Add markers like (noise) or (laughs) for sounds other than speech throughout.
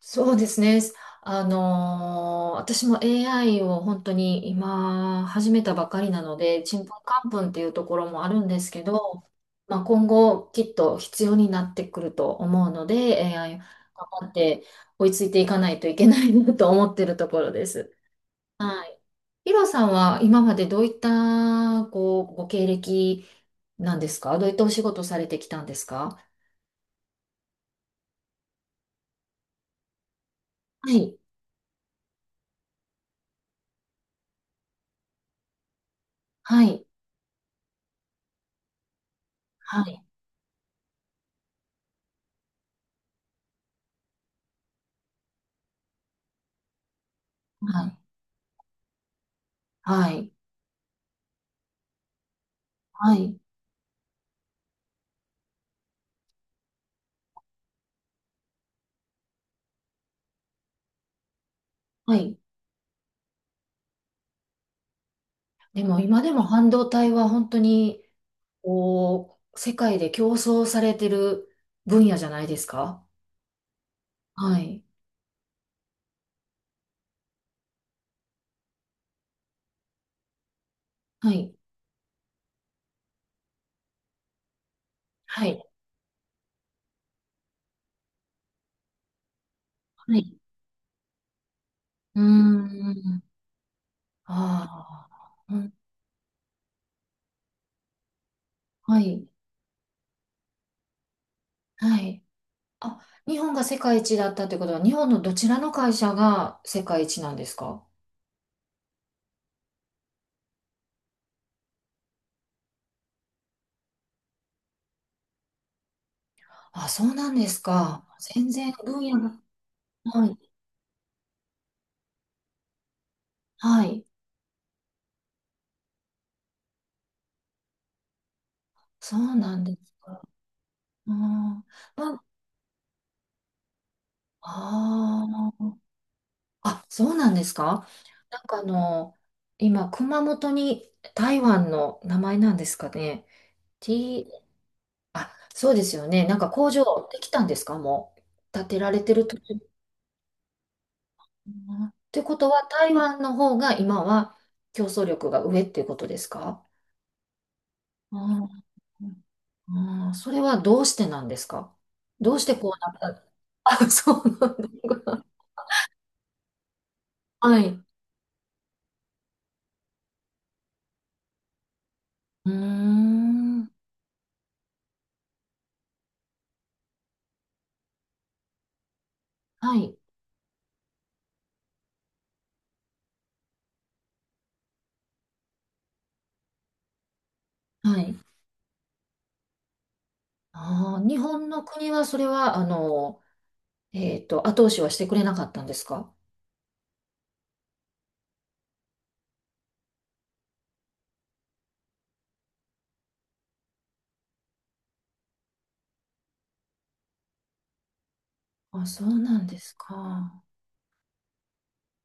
そうですね。私も AI を本当に今始めたばかりなので、ちんぷんかんぷんっていうところもあるんですけど、まあ、今後きっと必要になってくると思うので、AI 頑張って追いついていかないといけないなと思ってるところです。はい。ヒロさんは今までどういったこうご経歴なんですか？どういったお仕事されてきたんですか？はい。はい。はい。はい。はい。はい。はい。はい。でも今でも半導体は本当に、こう、世界で競争されてる分野じゃないですか？はい。はい。はい。はい。うーん。ああ。うん。はい。はい。あ、日本が世界一だったってことは、日本のどちらの会社が世界一なんですか？あ、そうなんですか。全然分野が。はい。はい。そうなんですか。うん。まああー。あ、そうなんですか？なんか今、熊本に台湾の名前なんですかね。T、あ、そうですよね。なんか工場できたんですか？もう。建てられてる途中かな。ってことは、台湾の方が今は競争力が上っていうことですか？あああー、それはどうしてなんですか？どうしてこうなった？あ、そうなんだ。(laughs) はい。うーん。はい。はい。ああ、日本の国はそれは、後押しはしてくれなかったんですか？あ、そうなんですか。あ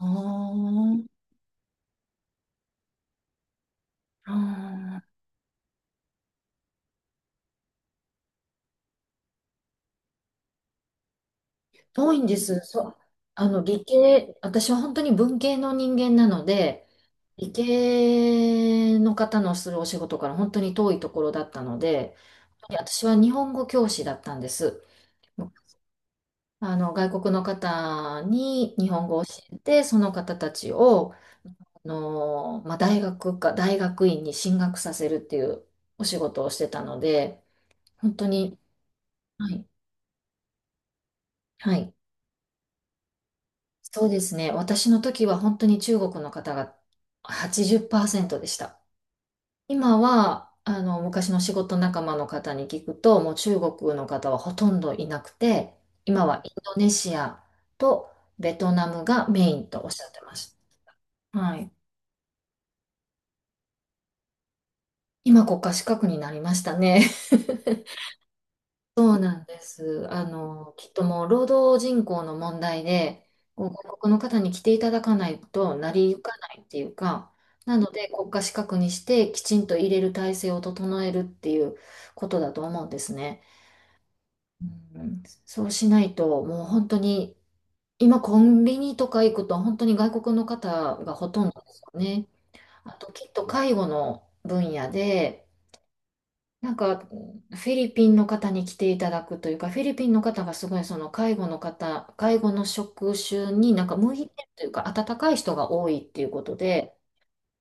あ、あー遠いんです。そう、私は本当に文系の人間なので、理系の方のするお仕事から本当に遠いところだったので、私は日本語教師だったんです。外国の方に日本語を教えて、その方たちを、まあ、大学か、大学院に進学させるっていうお仕事をしてたので、本当に、はい、はい、そうですね。私の時は本当に中国の方が80%でした。今は、昔の仕事仲間の方に聞くと、もう中国の方はほとんどいなくて、今はインドネシアとベトナムがメインとおっしゃってました。はい。今国家資格になりましたね。(laughs) そうなんです。きっともう労働人口の問題で、こう外国の方に来ていただかないと成り行かないっていうか、なので国家資格にしてきちんと入れる体制を整えるっていうことだと思うんですね。うん、そうしないと、もう本当に、今コンビニとか行くと本当に外国の方がほとんどですよね。あときっと介護の分野で、なんか、フィリピンの方に来ていただくというか、フィリピンの方がすごいその介護の職種になんか向いてるというか、温かい人が多いっていうことで、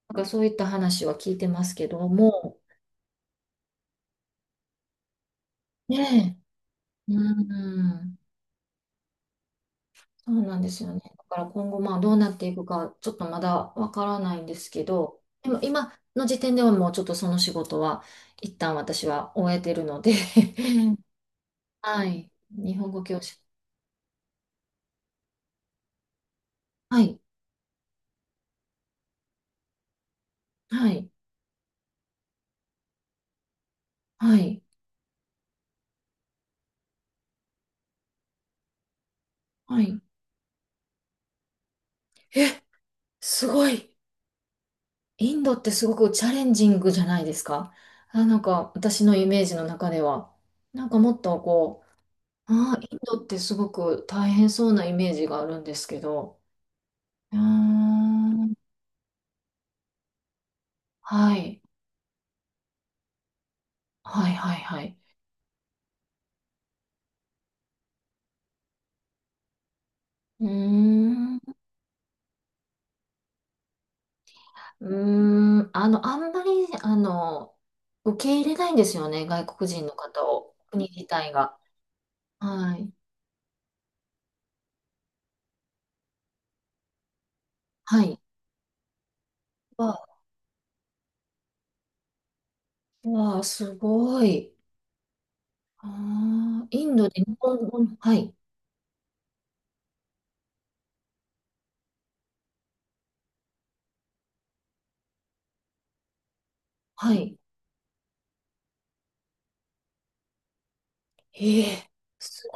なんかそういった話は聞いてますけども、ねえ、うん、そうなんですよね。だから今後まあどうなっていくか、ちょっとまだわからないんですけど、でも今の時点ではもうちょっとその仕事は、一旦私は終えてるので (laughs) はい、日本語教師。はい、はい、はい。はい。すごい。インドってすごくチャレンジングじゃないですか。あ、なんか私のイメージの中では。なんかもっとこう、インドってすごく大変そうなイメージがあるんですけど。うーん、はい。はいはいはい。うーん。うーん。あんまり、あの、受け入れないんですよね。外国人の方を。国自体が。はい。はい。わ、わあ、すごい。ああ、インドで日本語の、はい、はい。ええ、す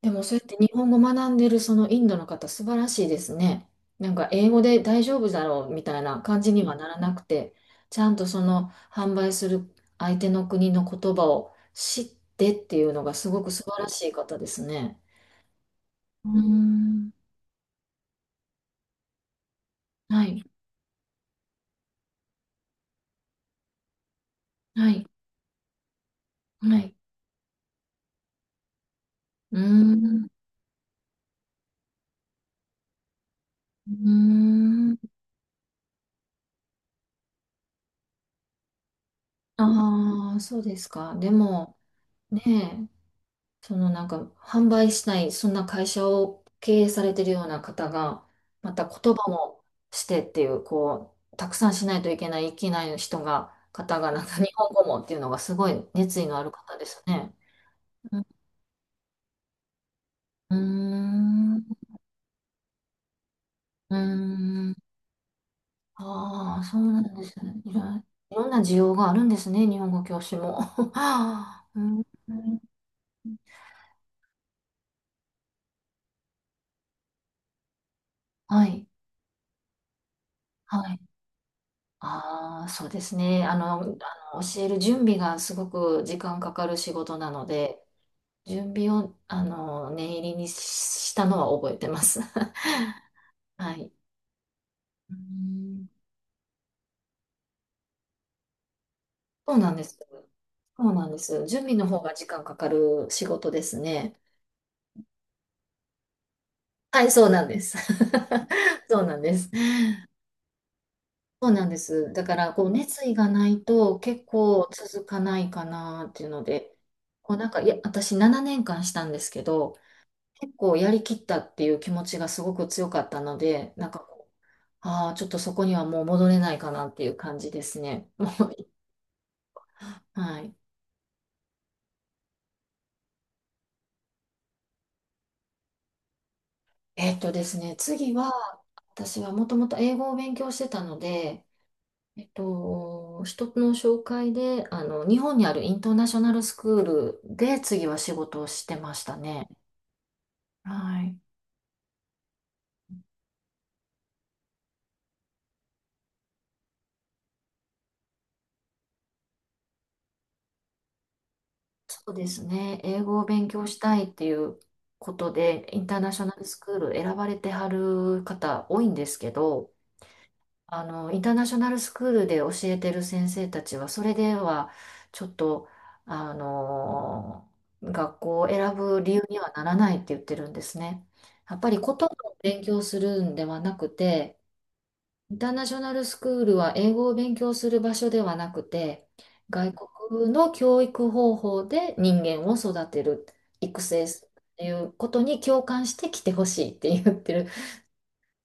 でもそうやって日本語学んでるそのインドの方、素晴らしいですね。なんか英語で大丈夫だろうみたいな感じにはならなくて、ちゃんとその販売する相手の国の言葉を知ってっていうのがすごく素晴らしい方ですね。うーん、はい、はい、はい。うーん、うーん、ああ、そうですか。でも、ねえそのなんか販売しない、そんな会社を経営されてるような方が、また言葉もしてっていう、こう、たくさんしないといけない、いけない方が、なんか (laughs) 日本語もっていうのがすごい熱意のある方ですね。うん、うーん、うーん、ああ、そうなんですね。いろんな需要があるんですね、日本語教師も。(laughs) うん、はい、はい。ああ、そうですね。教える準備がすごく時間かかる仕事なので、準備を、念入りにしたのは覚えてます。(laughs) はい。うん、そうなんです。そうなんです。準備の方が時間かかる仕事ですね。はい、そうなんです。(laughs) そうなんです。そうなんです。だから、こう、熱意がないと結構続かないかなっていうので、こう、なんか、いや、私7年間したんですけど、結構やりきったっていう気持ちがすごく強かったので、なんかこう、ああ、ちょっとそこにはもう戻れないかなっていう感じですね。(laughs) もうはい。えっとですね、次は、私はもともと英語を勉強してたので、人の紹介で、日本にあるインターナショナルスクールで次は仕事をしてましたね。はい。そうですね、英語を勉強したいっていうことで、インターナショナルスクール選ばれてはる方多いんですけど、インターナショナルスクールで教えてる先生たちは、それでは、ちょっと、あの、学校を選ぶ理由にはならないって言ってるんですね。やっぱり言葉を勉強するんではなくて、インターナショナルスクールは英語を勉強する場所ではなくて、外国の教育方法で人間を育てる、育成するっていうことに共感して来てほしいって言ってる。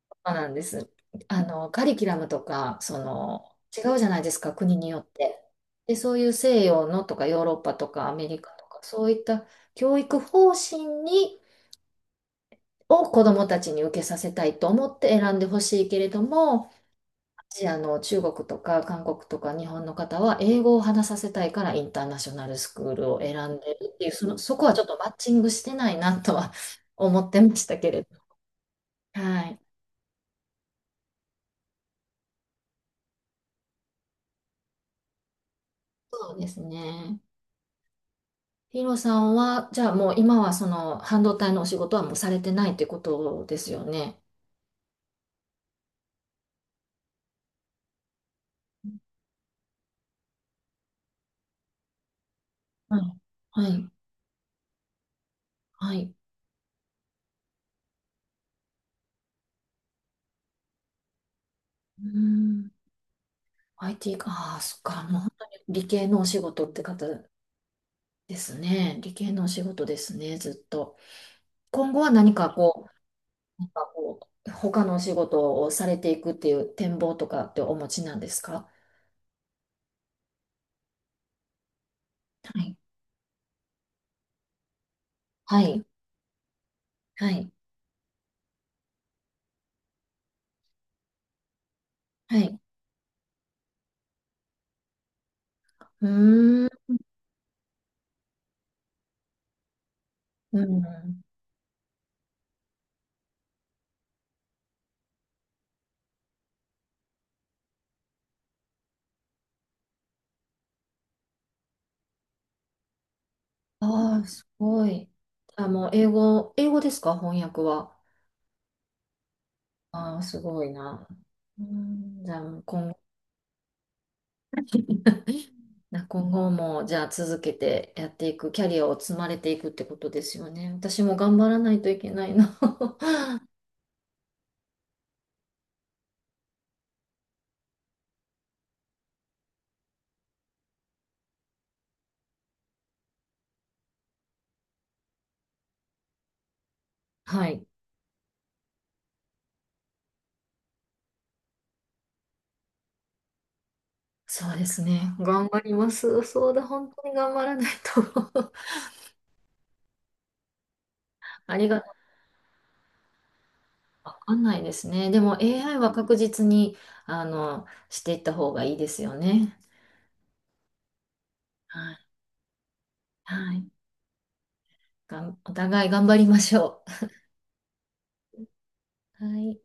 そうなんです。カリキュラムとか、違うじゃないですか、国によって。で、そういう西洋のとか、ヨーロッパとか、アメリカとか、そういった教育方針を子どもたちに受けさせたいと思って選んでほしいけれども、アジアの中国とか韓国とか日本の方は英語を話させたいからインターナショナルスクールを選んでるっていう、そこはちょっとマッチングしてないなとは思ってましたけれど。はい。そうですね。ヒロさんは、じゃあもう今はその半導体のお仕事はもうされてないってことですよね。はい。はい。はい。うーん。IT か。ああ、そっか。もう本当に理系のお仕事って方ですね。理系のお仕事ですね、ずっと。今後は何かこう、なんかこう、他のお仕事をされていくっていう展望とかってお持ちなんですか？はい。はい。はい。はい。うーん。うん。ああ、すごい。あ、もう英語、英語ですか、翻訳は。ああ、すごいな。うん、じゃあ、もう今後、(laughs) 今後も、じゃあ続けてやっていく、キャリアを積まれていくってことですよね。私も頑張らないといけないな。(laughs) はい。そうですね。頑張ります。そうだ、本当に頑張らないと (laughs) ありがとう。わかんないですね。でも AI は確実に、していった方がいいですよね。はい。はい。お互い頑張りましょう。はい。